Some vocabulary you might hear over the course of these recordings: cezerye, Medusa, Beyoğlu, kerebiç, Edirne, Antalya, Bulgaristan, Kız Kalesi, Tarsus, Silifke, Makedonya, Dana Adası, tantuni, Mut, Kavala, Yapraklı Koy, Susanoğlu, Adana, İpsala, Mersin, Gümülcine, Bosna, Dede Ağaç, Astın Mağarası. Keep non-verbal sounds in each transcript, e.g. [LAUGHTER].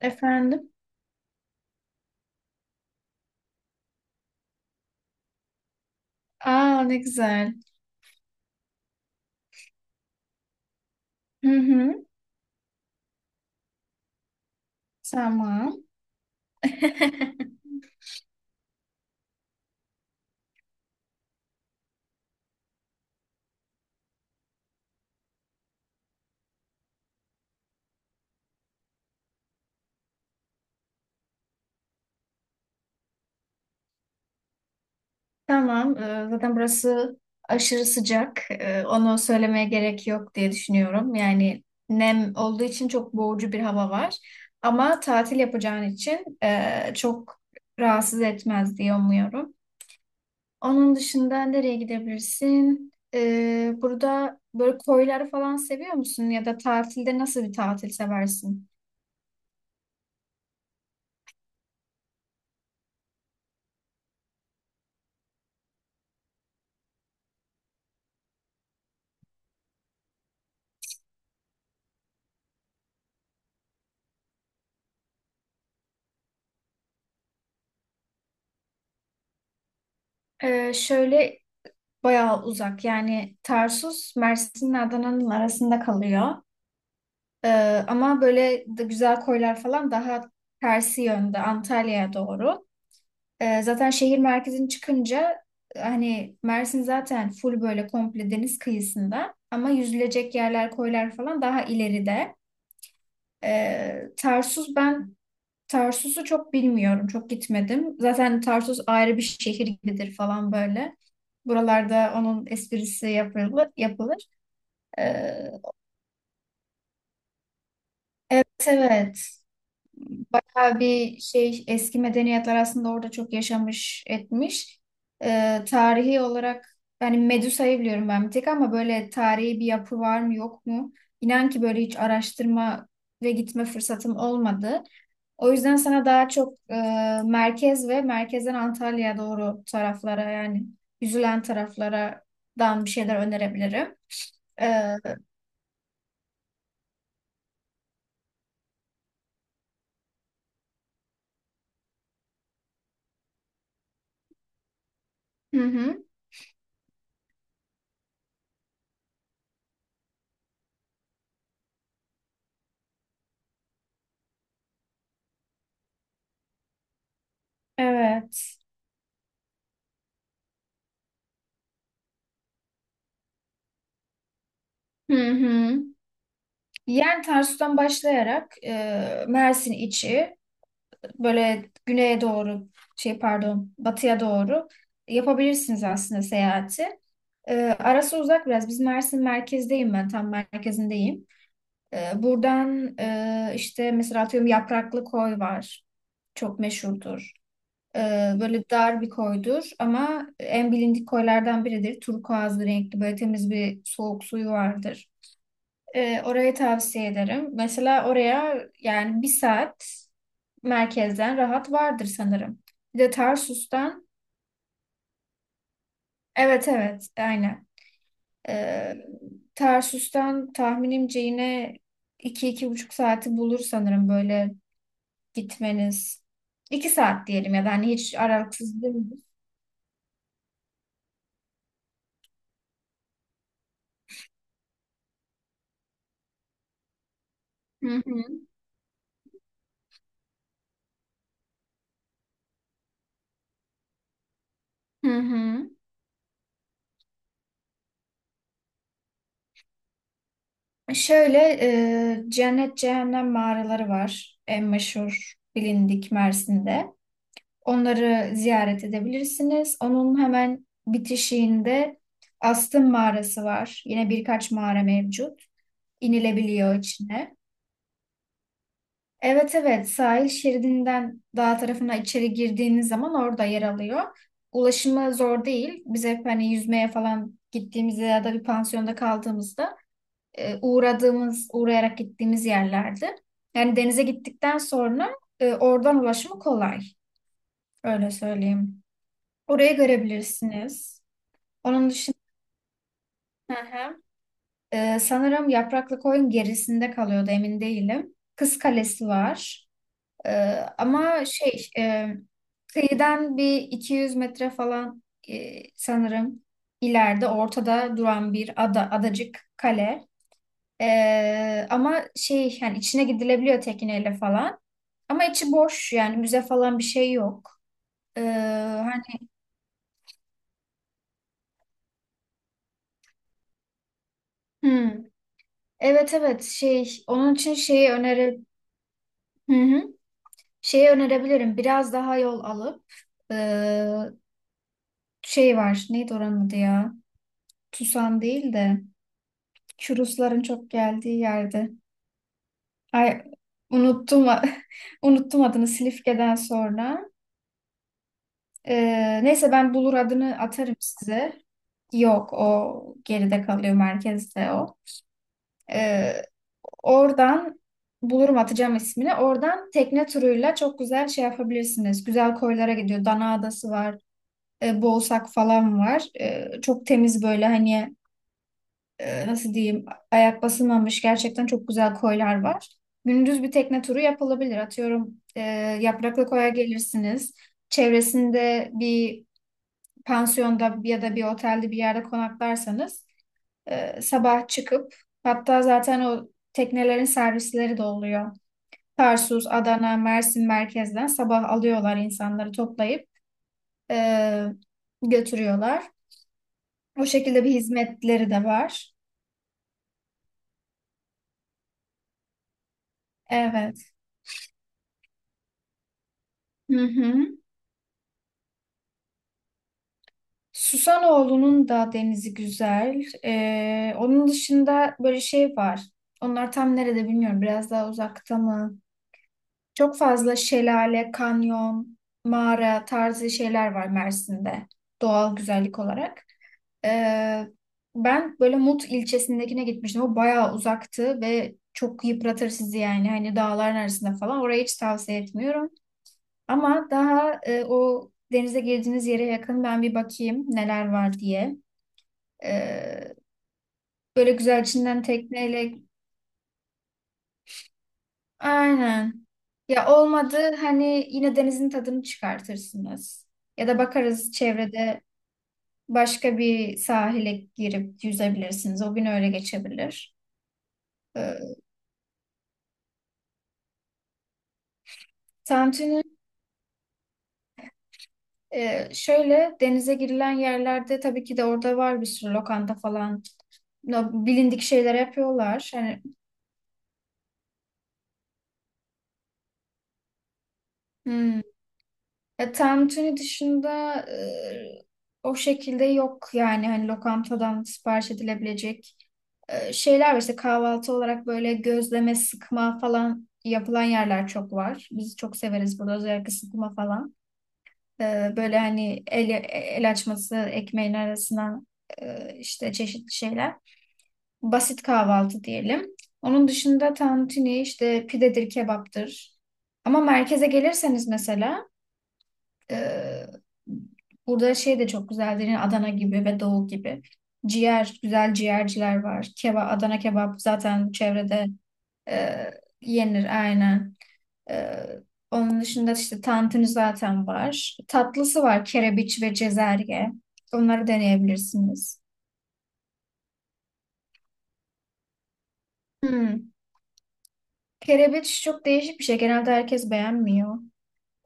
Efendim? Aa, ne güzel. Hı hı. Tamam. [LAUGHS] Tamam. Zaten burası aşırı sıcak. Onu söylemeye gerek yok diye düşünüyorum. Yani nem olduğu için çok boğucu bir hava var. Ama tatil yapacağın için çok rahatsız etmez diye umuyorum. Onun dışında nereye gidebilirsin? Burada böyle koyları falan seviyor musun? Ya da tatilde nasıl bir tatil seversin? Şöyle, bayağı uzak yani. Tarsus Mersin'le Adana'nın arasında kalıyor. Ee, Ama böyle de güzel koylar falan daha tersi yönde, Antalya'ya doğru. Zaten şehir merkezini çıkınca hani Mersin zaten full, böyle komple deniz kıyısında, ama yüzülecek yerler, koylar falan daha ileride. Ee, Tarsus ben Tarsus'u çok bilmiyorum, çok gitmedim. Zaten Tarsus ayrı bir şehir gibidir falan böyle. Buralarda onun esprisi yapılır, yapılır. Ee, evet, evet. Bayağı bir şey, eski medeniyetler aslında orada çok yaşamış etmiş. Tarihi olarak yani Medusa'yı biliyorum ben bir tek, ama böyle tarihi bir yapı var mı yok mu? İnan ki böyle hiç araştırma ve gitme fırsatım olmadı. O yüzden sana daha çok merkez ve merkezden Antalya'ya doğru taraflara, yani yüzülen taraflardan bir şeyler önerebilirim. Ee, hı hı. Evet. Hı hı. Yani Tarsus'tan başlayarak Mersin içi, böyle güneye doğru, şey, pardon, batıya doğru yapabilirsiniz aslında seyahati. Arası uzak biraz. Biz Mersin merkezdeyim, ben tam merkezindeyim. Buradan işte mesela atıyorum, Yapraklı Koy var. Çok meşhurdur. E, Böyle dar bir koydur ama en bilindik koylardan biridir. Turkuazlı renkli, böyle temiz bir soğuk suyu vardır. Orayı tavsiye ederim. Mesela oraya yani 1 saat merkezden rahat vardır sanırım. Bir de Tarsus'tan, evet evet, aynen. Ee, Tarsus'tan tahminimce yine iki, iki buçuk saati bulur sanırım böyle gitmeniz. 2 saat diyelim ya da hani, hiç aralıksız değil mi? Hı hı. Hı hı. Şöyle, cennet cehennem mağaraları var. En meşhur bilindik Mersin'de. Onları ziyaret edebilirsiniz. Onun hemen bitişiğinde Astın Mağarası var. Yine birkaç mağara mevcut. İnilebiliyor içine. Evet evet, sahil şeridinden dağ tarafına içeri girdiğiniz zaman orada yer alıyor. Ulaşımı zor değil. Biz hep hani yüzmeye falan gittiğimizde ya da bir pansiyonda kaldığımızda uğradığımız, uğrayarak gittiğimiz yerlerdi. Yani denize gittikten sonra oradan ulaşımı kolay. Öyle söyleyeyim. Oraya görebilirsiniz. Onun dışında, hı hı, sanırım Yapraklı Koyun gerisinde kalıyordu, emin değilim. Kız Kalesi var. E, ama şey, kıyıdan bir 200 metre falan sanırım ileride, ortada duran bir ada, adacık kale. Ama şey, yani içine gidilebiliyor tekneyle falan. Ama içi boş, yani müze falan bir şey yok. E, Hani hmm, evet evet, şey onun için şeyi öneri. Hı hı. Şeyi önerebilirim. Biraz daha yol alıp eee, şey var. Neydi oranın adı ya? Tusan değil de şu Rusların çok geldiği yerde. Ay, unuttum [LAUGHS] unuttum adını, Silifke'den sonra. Neyse, ben bulur adını atarım size. Yok, o geride kalıyor, merkezde o. Eee, Oradan bulurum, atacağım ismini. Oradan tekne turuyla çok güzel şey yapabilirsiniz. Güzel koylara gidiyor. Dana Adası var. Boğsak falan var. Çok temiz böyle, hani nasıl diyeyim, ayak basılmamış gerçekten çok güzel koylar var. Gündüz bir tekne turu yapılabilir. Atıyorum, Yapraklı Koy'a gelirsiniz. Çevresinde bir pansiyonda ya da bir otelde bir yerde konaklarsanız, sabah çıkıp, hatta zaten o teknelerin servisleri de oluyor. Tarsus, Adana, Mersin merkezden sabah alıyorlar insanları, toplayıp e, götürüyorlar. O şekilde bir hizmetleri de var. Evet. Hı hı. Susanoğlu'nun da denizi güzel. Onun dışında böyle şey var. Onlar tam nerede bilmiyorum. Biraz daha uzakta mı? Çok fazla şelale, kanyon, mağara tarzı şeyler var Mersin'de. Doğal güzellik olarak. Ee, ben böyle Mut ilçesindekine gitmiştim. O bayağı uzaktı ve çok yıpratır sizi yani. Hani dağların arasında falan. Orayı hiç tavsiye etmiyorum. Ama daha o denize girdiğiniz yere yakın ben bir bakayım neler var diye. E, Böyle güzel, içinden tekneyle. Aynen. Ya olmadı hani yine denizin tadını çıkartırsınız. Ya da bakarız çevrede başka bir sahile girip yüzebilirsiniz. O gün öyle geçebilir. E, Tantuni, şöyle denize girilen yerlerde tabii ki de orada var bir sürü lokanta falan. Bilindik şeyler yapıyorlar. Hani, hmm. Ya, tantuni dışında o şekilde yok, yani hani lokantadan sipariş edilebilecek şeyler var. İşte kahvaltı olarak böyle gözleme, sıkma falan yapılan yerler çok var. Biz çok severiz burada, özellikle sıkma falan. Böyle hani el açması ekmeğin arasına işte çeşitli şeyler. Basit kahvaltı diyelim. Onun dışında tantuni işte, pidedir, kebaptır. Ama merkeze gelirseniz mesela ee, burada şey de çok güzeldir. Yani Adana gibi ve Doğu gibi. Ciğer, güzel ciğerciler var. Adana kebap zaten çevrede e, yenir, aynen. Ee, onun dışında işte tantuni zaten var. Tatlısı var, kerebiç ve cezerye. Onları deneyebilirsiniz. Hmm. Kerebiç çok değişik bir şey. Genelde herkes beğenmiyor.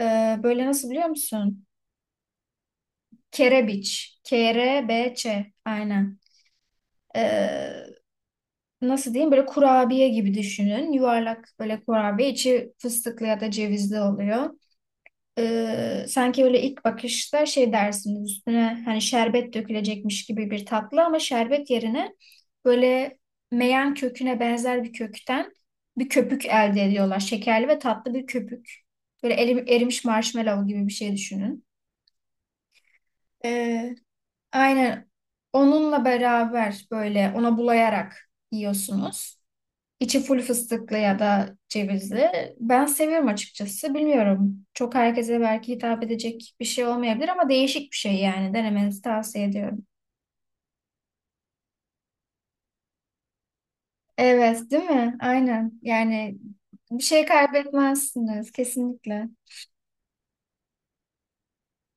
Böyle nasıl biliyor musun? Kerebiç. KRBÇ. Aynen. Ee, nasıl diyeyim, böyle kurabiye gibi düşünün. Yuvarlak böyle kurabiye, içi fıstıklı ya da cevizli oluyor. Sanki öyle ilk bakışta şey dersiniz, üstüne hani şerbet dökülecekmiş gibi bir tatlı, ama şerbet yerine böyle meyan köküne benzer bir kökten bir köpük elde ediyorlar. Şekerli ve tatlı bir köpük. Böyle erimiş marshmallow gibi bir şey düşünün. Ee, aynen, onunla beraber böyle ona bulayarak yiyorsunuz. İçi full fıstıklı ya da cevizli. Ben seviyorum açıkçası. Bilmiyorum. Çok herkese belki hitap edecek bir şey olmayabilir ama değişik bir şey yani. Denemenizi tavsiye ediyorum. Evet, değil mi? Aynen. Yani bir şey kaybetmezsiniz kesinlikle.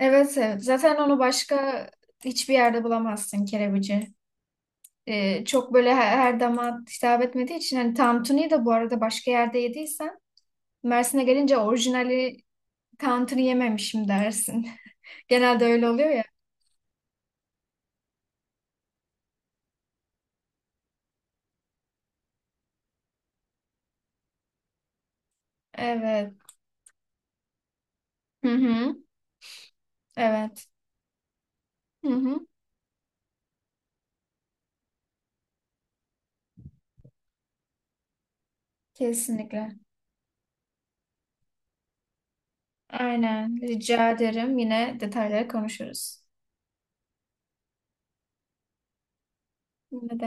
Evet, evet. Zaten onu başka hiçbir yerde bulamazsın, kerebici. Çok böyle her dama hitap etmediği için, hani tantuniyi de bu arada başka yerde yediysen, Mersin'e gelince orijinali tantuni yememişim dersin. Genelde öyle oluyor ya. Evet. Hı hı. Evet. Hı hı. Kesinlikle. Aynen. Rica ederim. Yine detayları konuşuruz. Ne demek?